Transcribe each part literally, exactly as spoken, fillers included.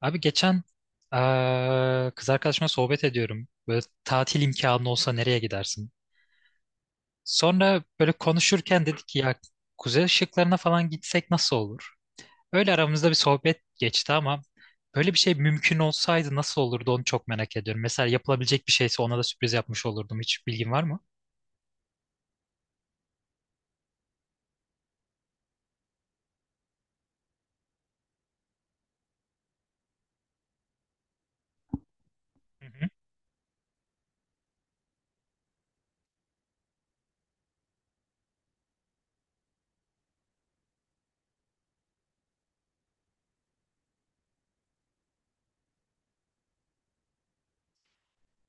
Abi geçen eee, kız arkadaşımla sohbet ediyorum. Böyle tatil imkanı olsa nereye gidersin? Sonra böyle konuşurken dedik ki ya kuzey ışıklarına falan gitsek nasıl olur? Öyle aramızda bir sohbet geçti ama böyle bir şey mümkün olsaydı nasıl olurdu onu çok merak ediyorum. Mesela yapılabilecek bir şeyse ona da sürpriz yapmış olurdum. Hiç bilgin var mı? Hı hı.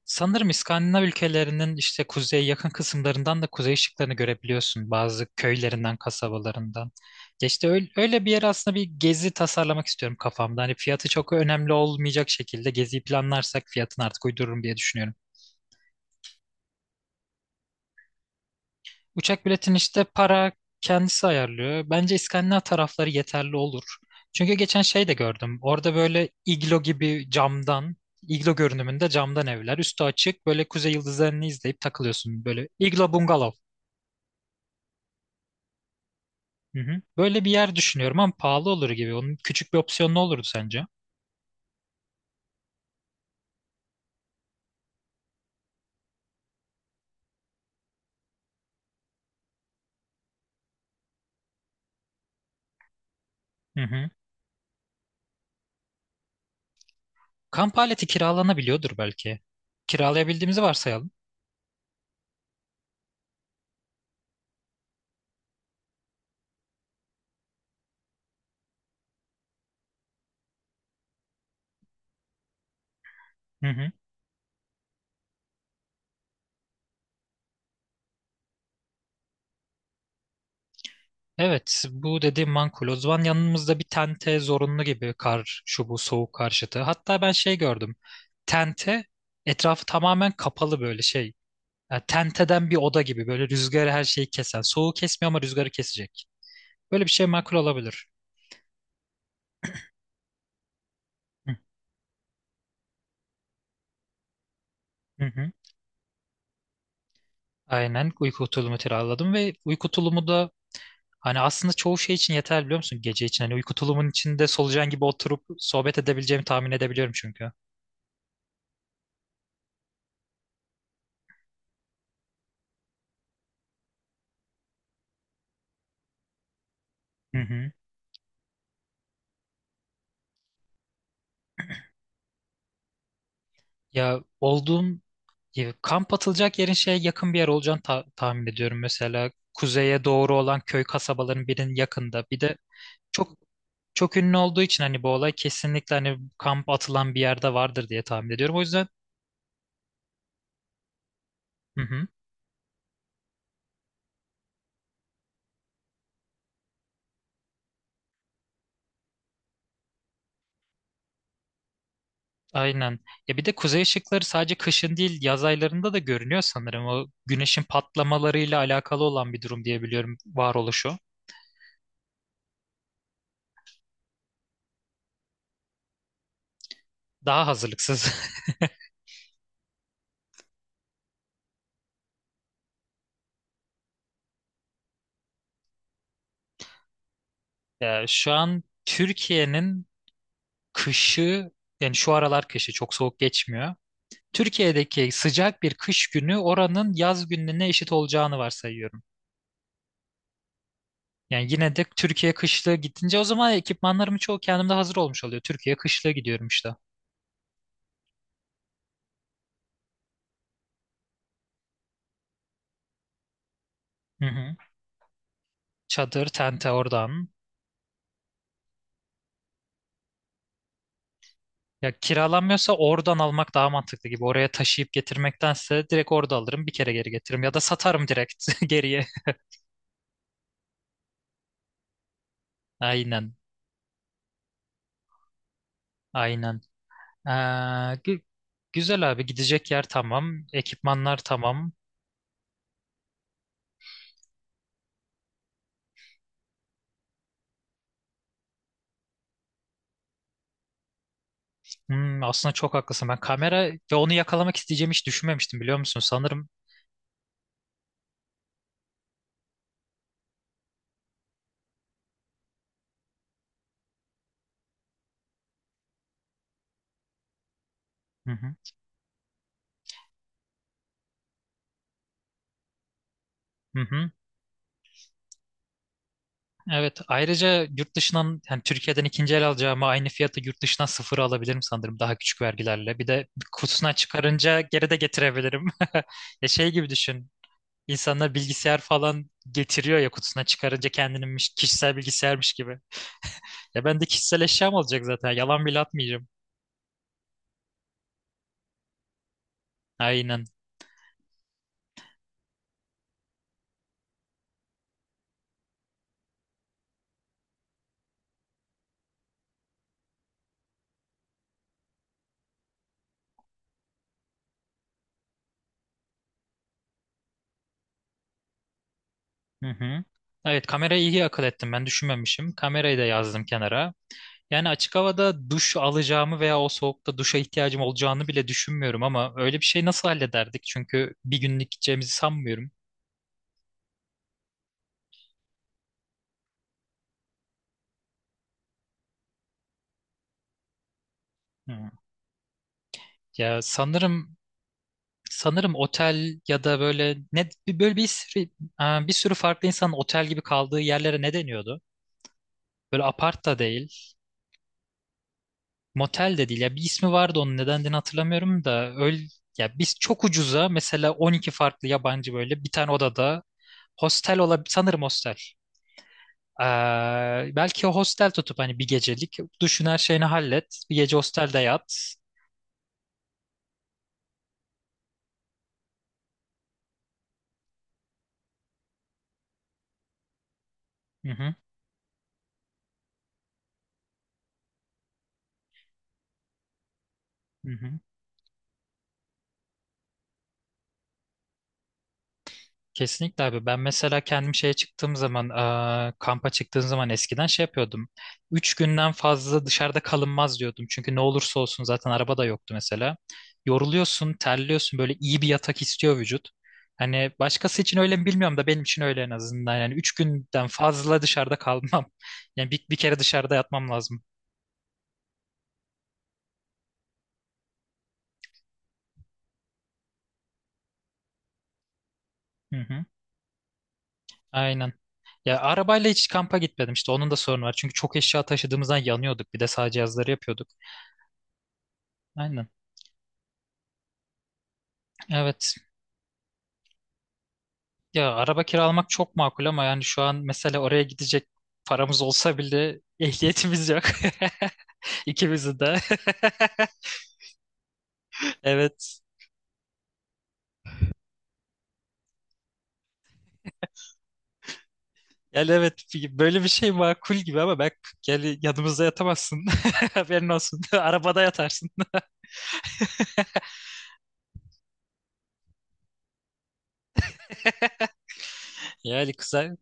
Sanırım İskandinav ülkelerinin işte kuzeye yakın kısımlarından da kuzey ışıklarını görebiliyorsun bazı köylerinden, kasabalarından. Ya işte öyle, öyle bir yer aslında bir gezi tasarlamak istiyorum kafamda. Hani fiyatı çok önemli olmayacak şekilde geziyi planlarsak fiyatını artık uydururum diye düşünüyorum. Uçak biletini işte para kendisi ayarlıyor. Bence İskandinav tarafları yeterli olur. Çünkü geçen şey de gördüm. Orada böyle iglo gibi camdan iglo görünümünde camdan evler. Üstü açık böyle kuzey yıldızlarını izleyip takılıyorsun. Böyle iglo bungalov. Hı hı. Böyle bir yer düşünüyorum ama pahalı olur gibi. Onun küçük bir opsiyonu ne olurdu sence? Hı hı. Kamp aleti kiralanabiliyordur belki. Kiralayabildiğimizi varsayalım. Hı hı. Evet, bu dediğim makul. O zaman yanımızda bir tente zorunlu gibi kar, şu bu soğuk karşıtı. Hatta ben şey gördüm. Tente etrafı tamamen kapalı böyle şey. Yani tenteden bir oda gibi böyle rüzgarı her şeyi kesen. Soğuğu kesmiyor ama rüzgarı kesecek. Böyle bir şey makul olabilir. Hı hı. Hı. Aynen uyku tulumu kiraladım ve uyku tulumu da hani aslında çoğu şey için yeterli biliyor musun gece için? Hani uyku tulumun içinde solucan gibi oturup sohbet edebileceğimi tahmin edebiliyorum çünkü. Hı hı. Ya olduğum ya kamp atılacak yerin şeye yakın bir yer olacağını ta- tahmin ediyorum. Mesela kuzeye doğru olan köy kasabaların birinin yakında. Bir de çok çok ünlü olduğu için hani bu olay kesinlikle hani kamp atılan bir yerde vardır diye tahmin ediyorum. O yüzden hı hı. Aynen. Ya bir de kuzey ışıkları sadece kışın değil yaz aylarında da görünüyor sanırım. O güneşin patlamalarıyla alakalı olan bir durum diye biliyorum varoluşu. Daha hazırlıksız. Ya şu an Türkiye'nin kışı yani şu aralar kışı çok soğuk geçmiyor. Türkiye'deki sıcak bir kış günü oranın yaz gününe eşit olacağını varsayıyorum. Yani yine de Türkiye kışlığı gidince o zaman ekipmanlarımı çoğu kendimde hazır olmuş oluyor. Türkiye kışlığı gidiyorum işte. Hı hı. Çadır, tente oradan. Ya kiralanmıyorsa oradan almak daha mantıklı gibi. Oraya taşıyıp getirmektense direkt orada alırım bir kere geri getiririm. Ya da satarım direkt geriye. Aynen, aynen. Ee, gü- Güzel abi gidecek yer tamam. Ekipmanlar tamam. Hmm, aslında çok haklısın. Ben kamera ve onu yakalamak isteyeceğimi hiç düşünmemiştim biliyor musun? Sanırım. Hı hı, hı hı. Evet, ayrıca yurt dışından yani Türkiye'den ikinci el alacağıma aynı fiyatı yurt dışından sıfır alabilirim sanırım daha küçük vergilerle. Bir de kutusuna çıkarınca geri de getirebilirim. Ya şey gibi düşün. İnsanlar bilgisayar falan getiriyor ya kutusuna çıkarınca kendinin kişisel bilgisayarmış gibi. Ya ben de kişisel eşyam olacak zaten. Yalan bile atmayacağım. Aynen. Hı hı. Evet kamerayı iyi akıl ettim ben düşünmemişim. Kamerayı da yazdım kenara. Yani açık havada duş alacağımı veya o soğukta duşa ihtiyacım olacağını bile düşünmüyorum ama öyle bir şey nasıl hallederdik? Çünkü bir günlük gideceğimizi sanmıyorum. Hı. Ya sanırım sanırım otel ya da böyle ne bir- böyle bir sürü, e, bir sürü farklı insanın otel gibi kaldığı yerlere ne deniyordu? Böyle apart da değil, motel de değil. Ya bir ismi vardı onun nedenini hatırlamıyorum da öyle ya biz çok ucuza mesela on iki farklı yabancı böyle bir tane odada hostel olabilir sanırım hostel. E, Belki hostel tutup hani bir gecelik düşün her şeyini hallet. Bir gece hostelde yat. Hı hı. Hı hı. Kesinlikle abi. Ben mesela kendim şeye çıktığım zaman, eee, kampa çıktığım zaman eskiden şey yapıyordum. Üç günden fazla dışarıda kalınmaz diyordum. Çünkü ne olursa olsun zaten araba da yoktu mesela. Yoruluyorsun, terliyorsun. Böyle iyi bir yatak istiyor vücut. Hani başkası için öyle mi bilmiyorum da benim için öyle en azından. Yani üç günden fazla dışarıda kalmam. Yani bir, bir kere dışarıda yatmam lazım. Hı hı. Aynen. Ya arabayla hiç kampa gitmedim işte onun da sorunu var. Çünkü çok eşya taşıdığımızdan yanıyorduk. Bir de sağ cihazları yapıyorduk. Aynen. Evet. Ya araba kiralamak çok makul ama yani şu an mesela oraya gidecek paramız olsa bile ehliyetimiz yok. İkimizin de. Evet. Yani evet böyle bir şey makul gibi ama ben yani yanımızda yatamazsın. Haberin olsun. Arabada yatarsın. Yani kıza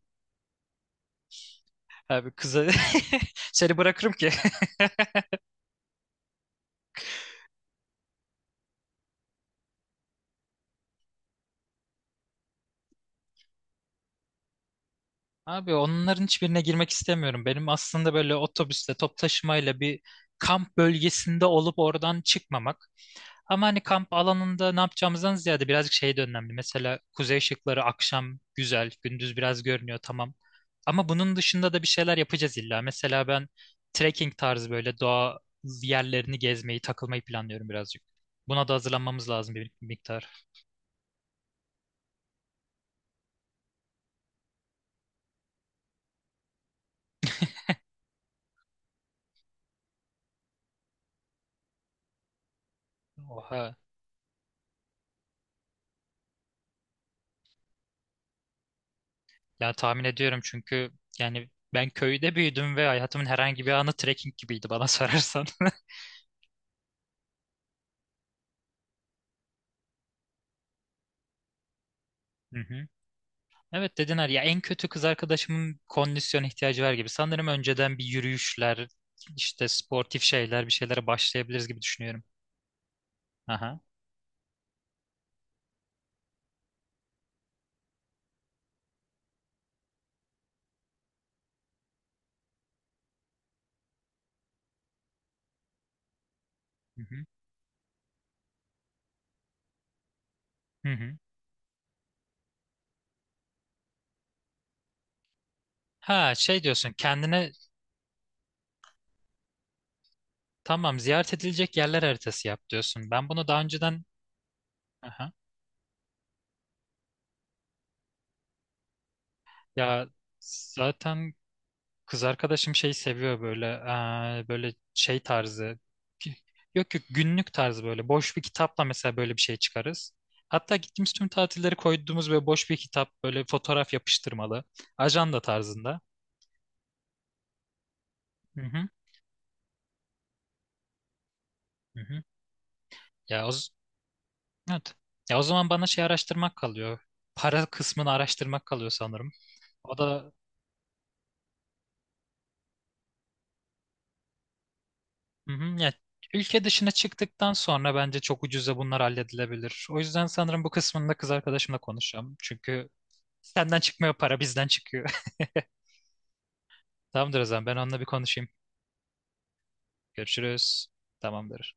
abi kıza seni bırakırım ki. Abi onların hiçbirine girmek istemiyorum. Benim aslında böyle otobüsle, top taşımayla bir kamp bölgesinde olup oradan çıkmamak. Ama hani kamp alanında ne yapacağımızdan ziyade birazcık şey de önemli. Mesela kuzey ışıkları akşam güzel, gündüz biraz görünüyor tamam. Ama bunun dışında da bir şeyler yapacağız illa. Mesela ben trekking tarzı böyle doğa yerlerini gezmeyi, takılmayı planlıyorum birazcık. Buna da hazırlanmamız lazım bir miktar. Oha. Ya tahmin ediyorum çünkü yani ben köyde büyüdüm ve hayatımın herhangi bir anı trekking gibiydi bana sorarsan. Hı hı. Evet dediler ya en kötü kız arkadaşımın kondisyon ihtiyacı var gibi. Sanırım önceden bir yürüyüşler, işte sportif şeyler, bir şeylere başlayabiliriz gibi düşünüyorum. Aha. Hı hı. Hı hı. Ha şey diyorsun kendine tamam ziyaret edilecek yerler haritası yap diyorsun. Ben bunu daha önceden aha. Ya zaten kız arkadaşım şeyi seviyor böyle eee, böyle şey tarzı yok yok günlük tarzı böyle boş bir kitapla mesela böyle bir şey çıkarız. Hatta gittiğimiz tüm tatilleri koyduğumuz böyle boş bir kitap böyle fotoğraf yapıştırmalı ajanda tarzında. Hı hı, hı hı. Ya o, z- evet. Ya o zaman bana şey araştırmak kalıyor. Para kısmını araştırmak kalıyor sanırım. O da hı hı, ya ülke dışına çıktıktan sonra bence çok ucuza bunlar halledilebilir. O yüzden sanırım bu kısmında kız arkadaşımla konuşacağım. Çünkü senden çıkmıyor para bizden çıkıyor. Tamamdır o zaman ben onunla bir konuşayım. Görüşürüz. Tamamdır.